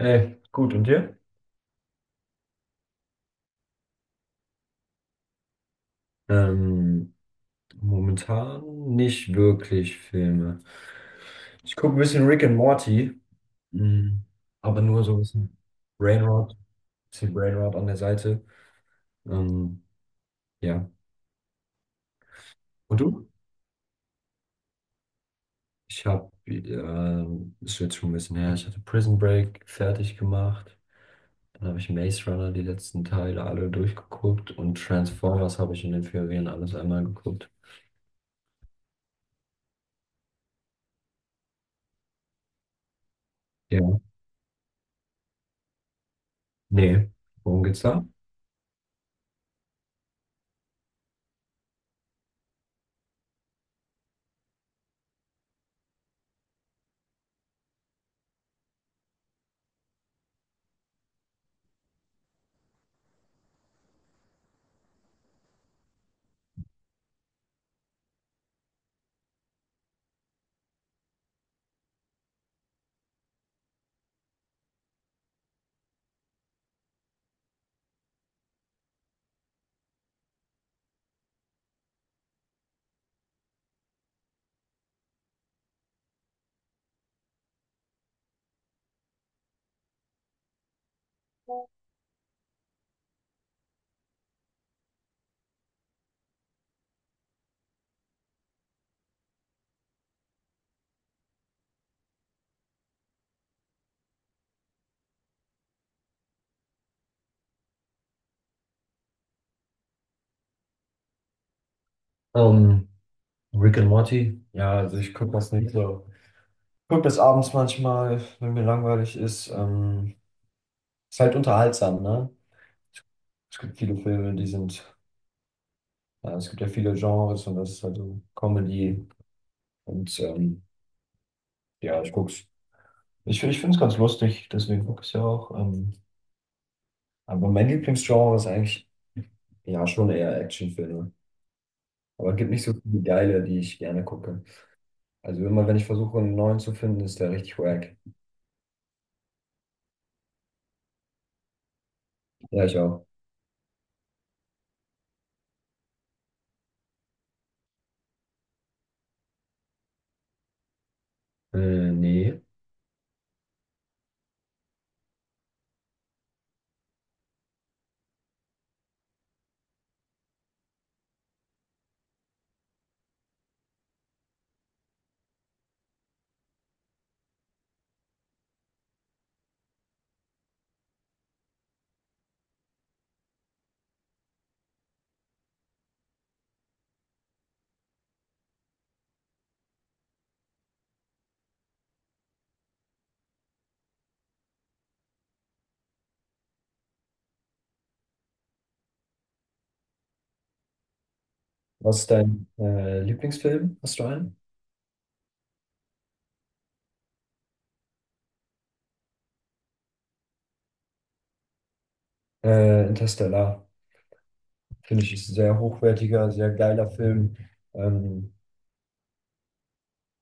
Ey, gut, und dir? Ähm, Momentan nicht wirklich Filme. Ich gucke ein bisschen Rick and Morty, mm, aber nur so ein Brainrot, bisschen Brainrot an der Seite. Ähm, ja. Und du? Ist jetzt schon ein bisschen her, ich hatte Prison Break fertig gemacht. Dann habe ich Maze Runner die letzten Teile alle durchgeguckt und Transformers habe ich in den Ferien alles einmal geguckt. Ja. Nee, worum geht's da? Ähm, Rick and Morty? Ja, also ich gucke das nicht so. Ich gucke das abends manchmal, wenn mir langweilig ist. Ist halt unterhaltsam, ne? Es gibt viele Filme, ja, es gibt ja viele Genres und das ist halt so Comedy. Und ja, ich guck's. Ich finde es ganz lustig, deswegen gucke ich es ja auch. Aber mein Lieblingsgenre ist eigentlich ja schon eher Actionfilme. Aber es gibt nicht so viele geile, die ich gerne gucke. Also immer, wenn ich versuche, einen neuen zu finden, ist der richtig wack. Ja, ich auch. Nee. Was ist dein Lieblingsfilm? Hast du einen? Interstellar. Finde ich ist ein sehr hochwertiger, sehr geiler Film. Ähm,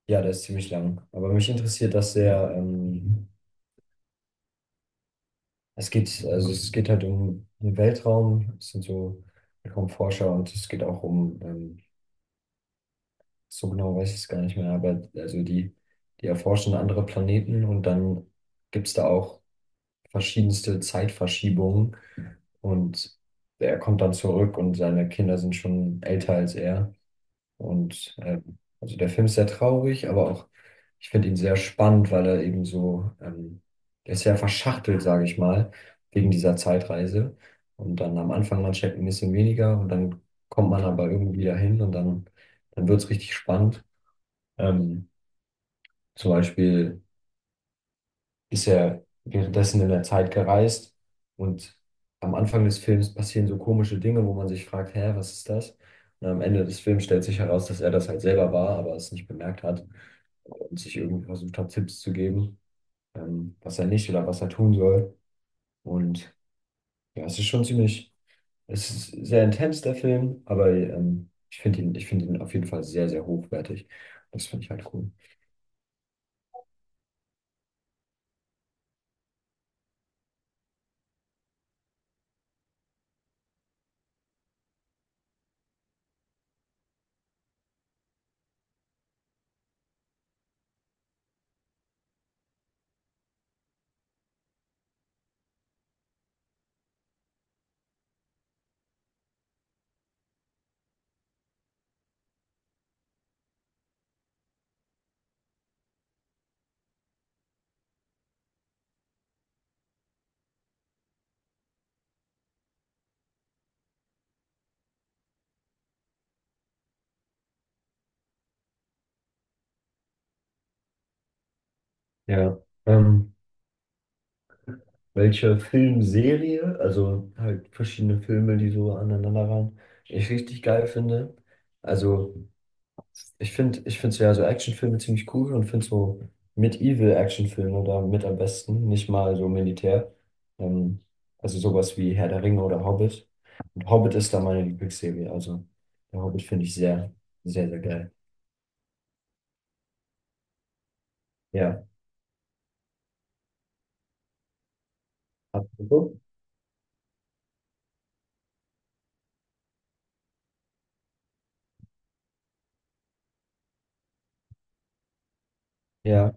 ja, der ist ziemlich lang. Aber mich interessiert das sehr. Es geht, also es geht halt um den Weltraum. Es sind so Weltraumforscher und es geht auch um, so genau weiß ich es gar nicht mehr, aber die erforschen andere Planeten und dann gibt es da auch verschiedenste Zeitverschiebungen. Und er kommt dann zurück und seine Kinder sind schon älter als er. Und also der Film ist sehr traurig, aber auch, ich finde ihn sehr spannend, weil er eben so, er ist sehr verschachtelt, sage ich mal, wegen dieser Zeitreise. Und dann am Anfang, man checkt ein bisschen weniger und dann kommt man aber irgendwie dahin und dann wird es richtig spannend. Ähm, Zum Beispiel ist er währenddessen in der Zeit gereist und am Anfang des Films passieren so komische Dinge, wo man sich fragt, hä, was ist das? Und am Ende des Films stellt sich heraus, dass er das halt selber war, aber es nicht bemerkt hat und sich irgendwie versucht hat, Tipps zu geben, was er nicht oder was er tun soll. Und ja, es ist sehr intens, der Film, aber ich finde ihn auf jeden Fall sehr, sehr hochwertig. Das finde ich halt cool. Ja. Ähm, Welche Filmserie, also halt verschiedene Filme, die so aneinanderreihen, ich richtig geil finde. Also ich finde so ja so Actionfilme ziemlich cool und finde so Medieval-Actionfilme da mit am besten, nicht mal so Militär. Ähm, also sowas wie Herr der Ringe oder Hobbit. Und Hobbit ist da meine Lieblingsserie, also der Hobbit finde ich sehr, sehr, sehr geil. Ja. Hast du geguckt? Ja,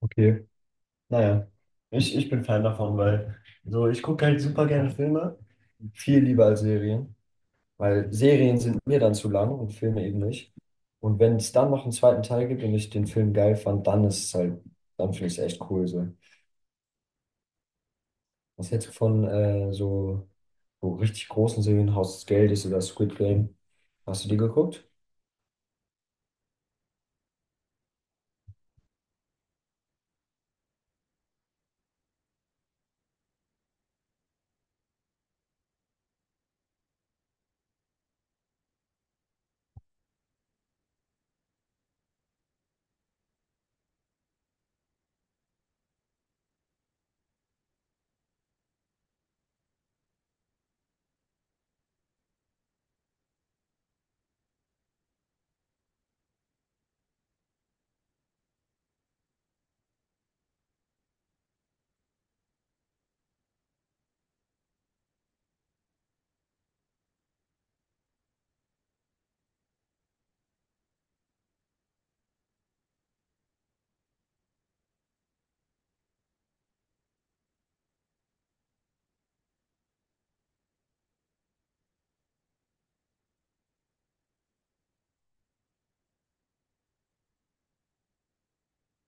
okay. Naja, ich bin Fan davon, weil so ich gucke halt super gerne Filme. Viel lieber als Serien, weil Serien sind mir dann zu lang und Filme eben nicht. Und wenn es dann noch einen zweiten Teil gibt und ich den Film geil fand, dann ist es halt, dann finde ich es echt cool so. Was hältst du von so, so richtig großen Serien, Haus des Geldes oder Squid Game? Hast du die geguckt?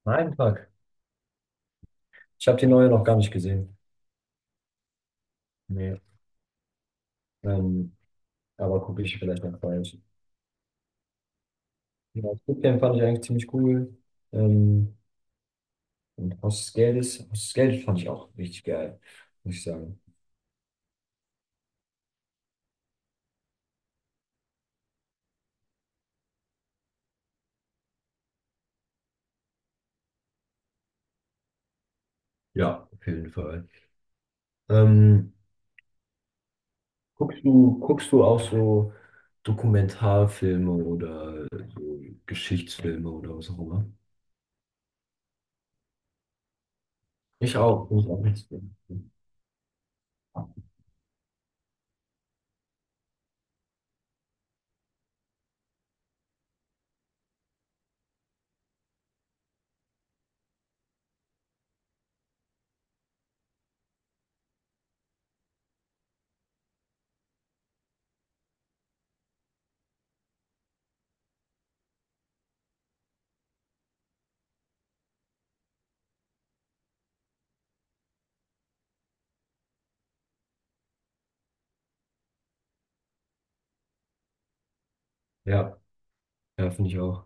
Nein, fuck. Ich habe die neue noch gar nicht gesehen. Nee. Ähm, aber gucke ich vielleicht noch bald. Ja, Squid Game fand ich eigentlich ziemlich cool. Ähm, und Haus des Geldes fand ich auch richtig geil, muss ich sagen. Ja, auf jeden Fall. Ähm, Guckst du auch so Dokumentarfilme oder so Geschichtsfilme oder was auch immer? Ich auch. Muss auch nichts. Ja, ja, finde ich auch.